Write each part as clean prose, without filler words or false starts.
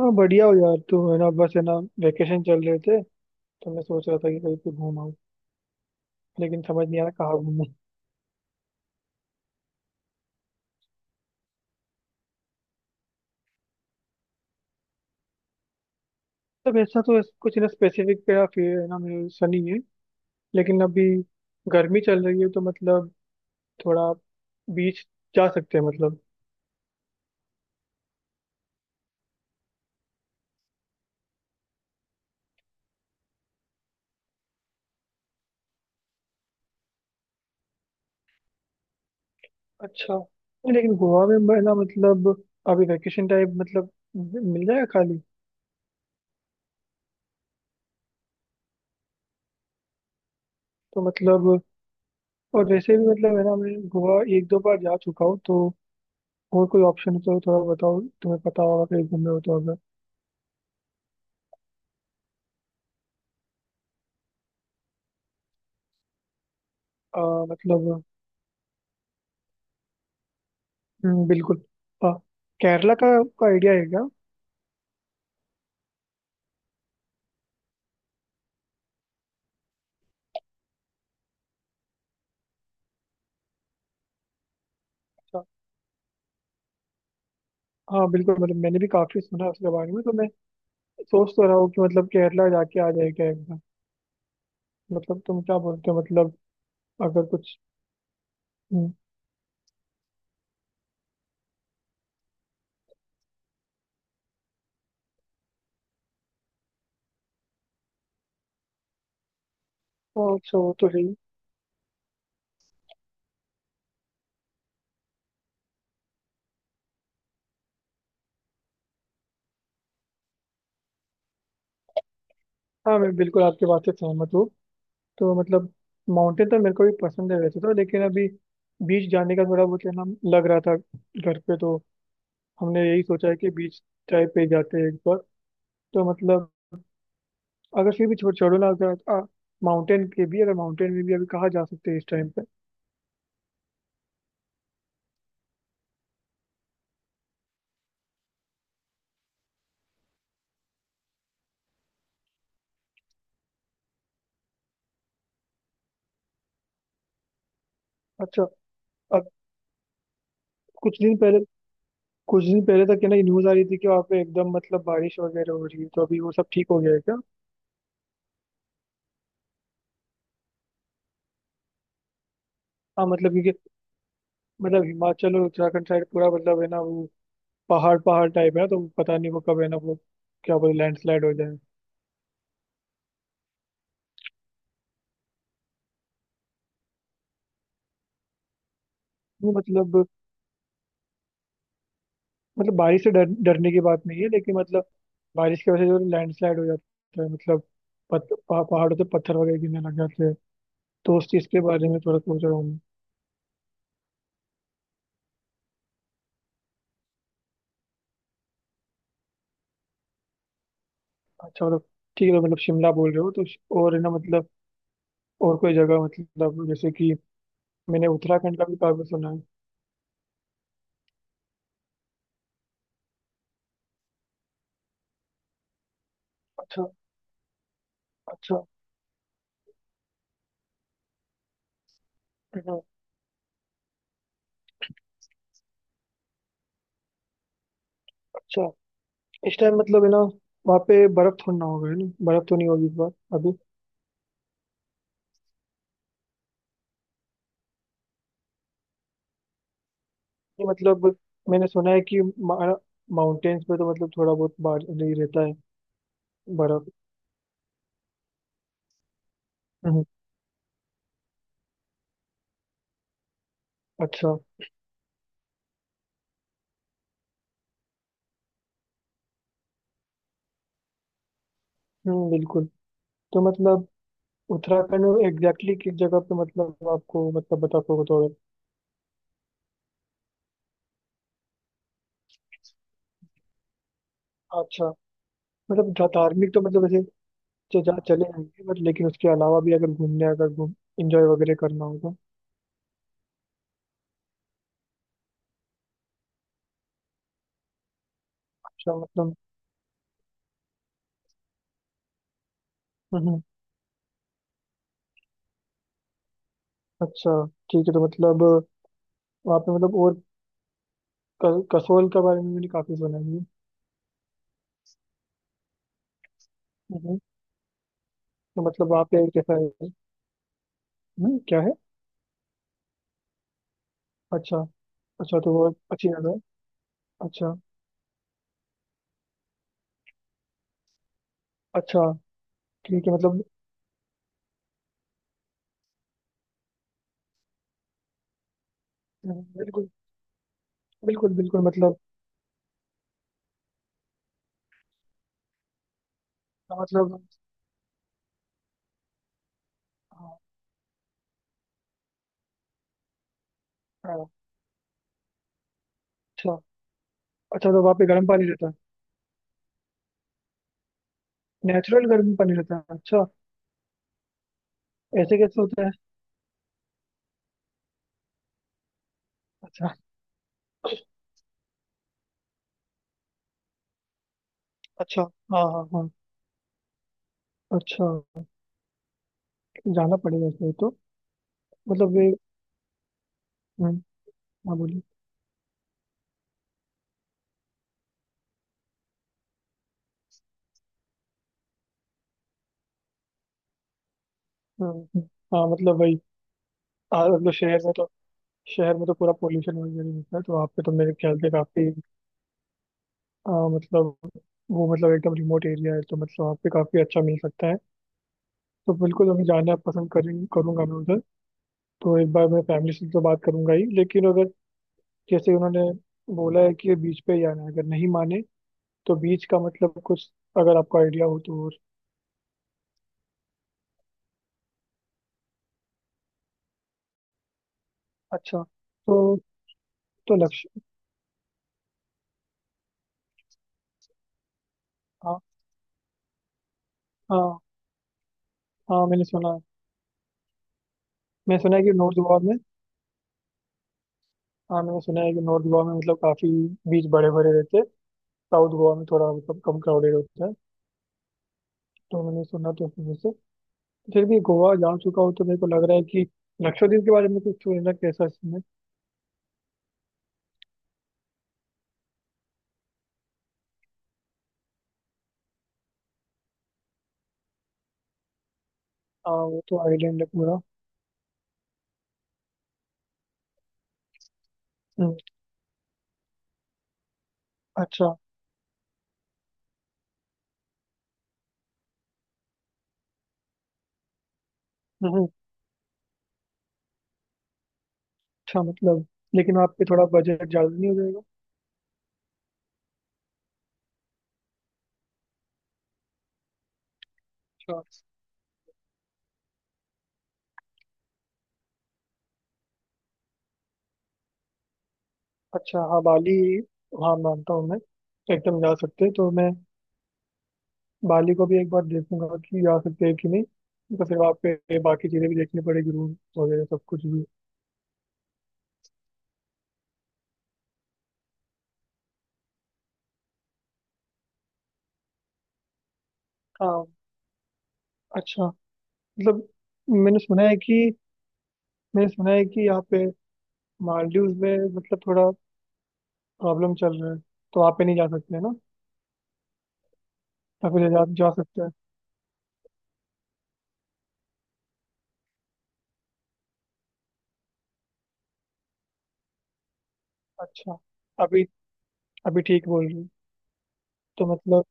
हाँ, बढ़िया हो यार। तू है ना? बस है ना, वेकेशन चल रहे थे तो मैं सोच रहा था कि कहीं पे घूम आऊँ। लेकिन समझ नहीं आ रहा कहाँ घूमूं। तब ऐसा तो कुछ ना स्पेसिफिक मेरा फिर है ना। मेरा ऐसा नहीं है। लेकिन अभी गर्मी चल रही है तो मतलब थोड़ा बीच जा सकते हैं मतलब। अच्छा नहीं, लेकिन गोवा में मैं ना मतलब अभी वेकेशन टाइप मतलब मिल जाएगा खाली। तो मतलब। और वैसे भी मतलब है ना मैं गोवा एक दो बार जा चुका हूँ तो और कोई ऑप्शन हो तो थोड़ा बताओ। तुम्हें पता होगा कहीं घूमे हो तो अगर। अ, मतलब। बिल्कुल। अ, केरला का आइडिया है क्या? अच्छा। हाँ, बिल्कुल मतलब मैंने भी काफी सुना है उसके बारे में तो मैं सोच तो रहा हूँ कि मतलब केरला जाके आ जाए क्या एकदम। मतलब तुम क्या बोलते हो मतलब अगर कुछ। हम्म। हाँ, अच्छा वो तो है ही। हाँ, मैं बिल्कुल आपकी बात से सहमत हूँ। तो मतलब माउंटेन तो मेरे को भी पसंद है वैसे तो, लेकिन अभी बीच जाने का थोड़ा बहुत है ना, लग रहा था घर पे। तो हमने यही सोचा है कि बीच टाइप पे जाते हैं एक बार। तो मतलब। अगर फिर भी छोड़ो ना, अगर माउंटेन में भी अभी कहाँ जा सकते हैं इस टाइम पे? अच्छा। अब कुछ दिन पहले कुछ दिन पहले तक है ना न्यूज आ रही थी कि वहाँ पे एकदम मतलब बारिश वगैरह हो रही है, तो अभी वो सब ठीक हो गया है क्या? हाँ मतलब क्योंकि मतलब हिमाचल और उत्तराखंड साइड पूरा मतलब है ना। वो पहाड़ पहाड़ टाइप है ना, तो पता नहीं वो कब है ना, वो क्या बोले, लैंडस्लाइड हो जाए। नहीं मतलब, बारिश से डर डरने की बात नहीं है, लेकिन मतलब। बारिश की वजह से जो लैंडस्लाइड हो जाता है मतलब पहाड़ों से पत्थर वगैरह गिरने लग जाते हैं। दोस्त इसके बारे में थोड़ा पूछ रहा हूँ। अच्छा मतलब ठीक है। मतलब शिमला बोल रहे हो तो और है ना मतलब और कोई जगह मतलब जैसे कि मैंने उत्तराखंड का भी काफी सुना है। अच्छा, अच्छा। हम्म, अच्छा। इस टाइम मतलब है ना वहाँ पे बर्फ थोड़ी ना होगा, है ना? बर्फ तो नहीं होगी इस बार अभी। ये मतलब मैंने सुना है कि माउंटेन्स पे तो मतलब थोड़ा बहुत बार नहीं रहता है बर्फ। हम्म, अच्छा। हम्म, बिल्कुल। तो मतलब उत्तराखंड में एग्जैक्टली किस जगह पे मतलब आपको मतलब बता सको थोड़ा। अच्छा मतलब धार्मिक तो मतलब ऐसे जो जा चले आएंगे, बट लेकिन उसके अलावा भी अगर घूम इंजॉय वगैरह करना होगा। अच्छा मतलब। हम्म, अच्छा ठीक है। तो मतलब वहाँ पे मतलब और कसोल के बारे में मैंने काफी सुना है। हम्म, तो मतलब वहाँ पे कैसा है? क्या है? अच्छा, अच्छा तो वो अच्छी जगह है? अच्छा, अच्छा ठीक है मतलब। बिल्कुल, बिल्कुल, बिल्कुल मतलब। हाँ, मतलब। हाँ, हाँ, अच्छा, अच्छा तो वहाँ पे गर्म पानी रहता है? नेचुरल गर्म पानी रहता है, अच्छा। ऐसे कैसे होता है? अच्छा, अच्छा। हाँ, हाँ, हाँ, अच्छा, जाना पड़ेगा इसलिए तो। मतलब वे। हम्म, हाँ, बोलिए। हम्म, हम्म, हाँ मतलब वही। हाँ मतलब शहर में तो पूरा पोल्यूशन वगैरह होता है तो वहाँ पे तो मेरे ख्याल से काफी। हाँ, मतलब वो मतलब एकदम रिमोट एरिया है तो मतलब वहाँ पे काफी अच्छा मिल सकता है। तो बिल्कुल हमें जाना पसंद करें करूंगा मैं उधर। तो एक बार मैं फैमिली से तो बात करूंगा ही, लेकिन अगर जैसे उन्होंने बोला है कि बीच पे ही जाना है अगर नहीं माने तो बीच का मतलब कुछ, अगर आपको आइडिया हो तो और। अच्छा तो लक्ष्य। हाँ, हाँ, हाँ, मैंने सुना है कि नॉर्थ गोवा में। हाँ, मैंने सुना है कि नॉर्थ गोवा में मतलब काफी बीच बड़े बड़े रहते हैं। साउथ गोवा में थोड़ा मतलब कम क्राउडेड होता है, तो मैंने सुना तो उस वजह से। फिर भी गोवा जा चुका हूँ तो मेरे को लग रहा है कि लक्षद्वीप के बारे में कुछ सुन रहा, कैसा इसमें? हाँ, वो तो आइलैंड है पूरा। हम्म, अच्छा। हम्म, अच्छा मतलब, लेकिन वहाँ पे थोड़ा बजट ज्यादा नहीं हो जाएगा? अच्छा, अच्छा। हाँ, बाली, हाँ मानता हूँ मैं। एकदम जा सकते हैं तो मैं बाली को भी एक बार देखूंगा कि आ सकते हैं कि नहीं। तो फिर वहाँ पे बाकी चीज़ें भी देखनी पड़ेगी, रूम वगैरह सब कुछ भी। हाँ, अच्छा मतलब। मैंने सुना है कि मैंने सुना है कि यहाँ पे मालदीव्स में मतलब थोड़ा प्रॉब्लम चल रहा है, तो वहाँ पे नहीं जा सकते है ना? या फिर जा सकते हैं? अच्छा। अभी अभी ठीक बोल रही हूँ। तो मतलब।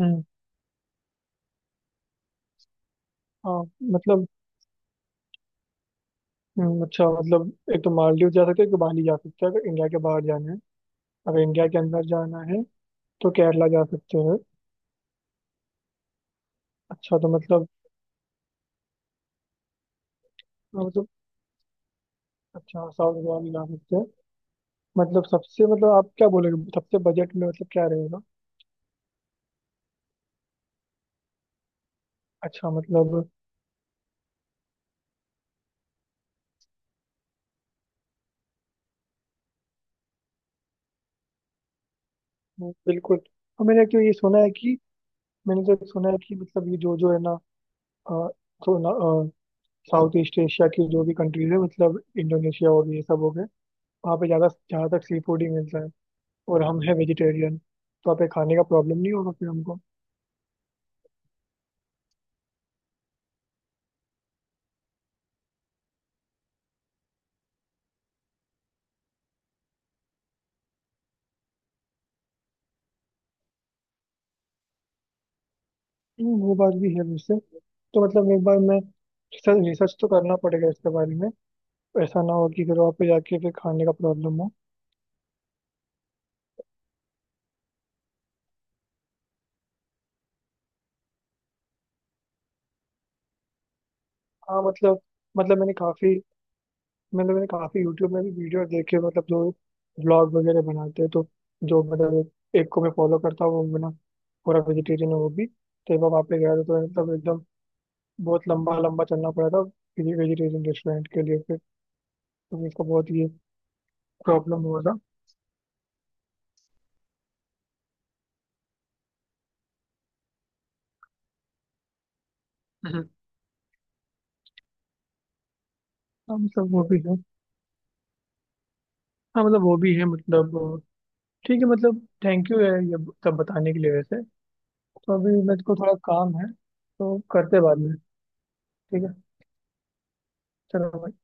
हम्म, हाँ मतलब। अच्छा मतलब एक तो मालदीव जा सकते हैं, एक तो बाली जा सकते हैं अगर इंडिया के बाहर जाना है। अगर इंडिया के अंदर जाना है तो केरला जा सकते हैं। अच्छा तो मतलब। हाँ, मतलब अच्छा। साउथ गोवा भी जा सकते हैं मतलब। सबसे मतलब आप क्या बोलेंगे, सबसे बजट में मतलब क्या रहेगा? अच्छा मतलब। बिल्कुल। और मैंने क्यों ये सुना है कि मैंने तो सुना है कि मतलब ये जो जो है ना अ, तो ना साउथ ईस्ट एशिया की जो भी कंट्रीज है मतलब इंडोनेशिया हो गई, ये सब हो गए। वहाँ पे ज़्यादा जहाँ तक सी फूड ही मिलता है, और हम है वेजिटेरियन तो वहाँ पे खाने का प्रॉब्लम नहीं होगा फिर हमको। वो बात भी है वैसे। तो मतलब एक बार मैं रिसर्च रिसर्च तो करना पड़ेगा इसके बारे में। ऐसा ना हो कि फिर वहाँ पे जाके फिर खाने का प्रॉब्लम हो। हाँ मतलब मैंने काफ़ी यूट्यूब में भी वीडियो देखे मतलब जो व्लॉग वगैरह बनाते हैं, तो जो मतलब एक एक को मैं फॉलो करता हूँ वो बना पूरा वेजिटेरियन है। वो भी तो एक बार वहाँ पे गया था तो मतलब एकदम बहुत लंबा लंबा चलना पड़ा था किसी वेजिटेरियन रेस्टोरेंट के लिए फिर। तो इसका बहुत ये प्रॉब्लम हुआ था। हम्म। हाँ मतलब वो भी है। हाँ मतलब वो भी है मतलब। ठीक है मतलब, थैंक यू है ये सब बताने के लिए वैसे। तो अभी मेरे को थोड़ा काम है तो करते बाद में। ठीक है, चलो भाई।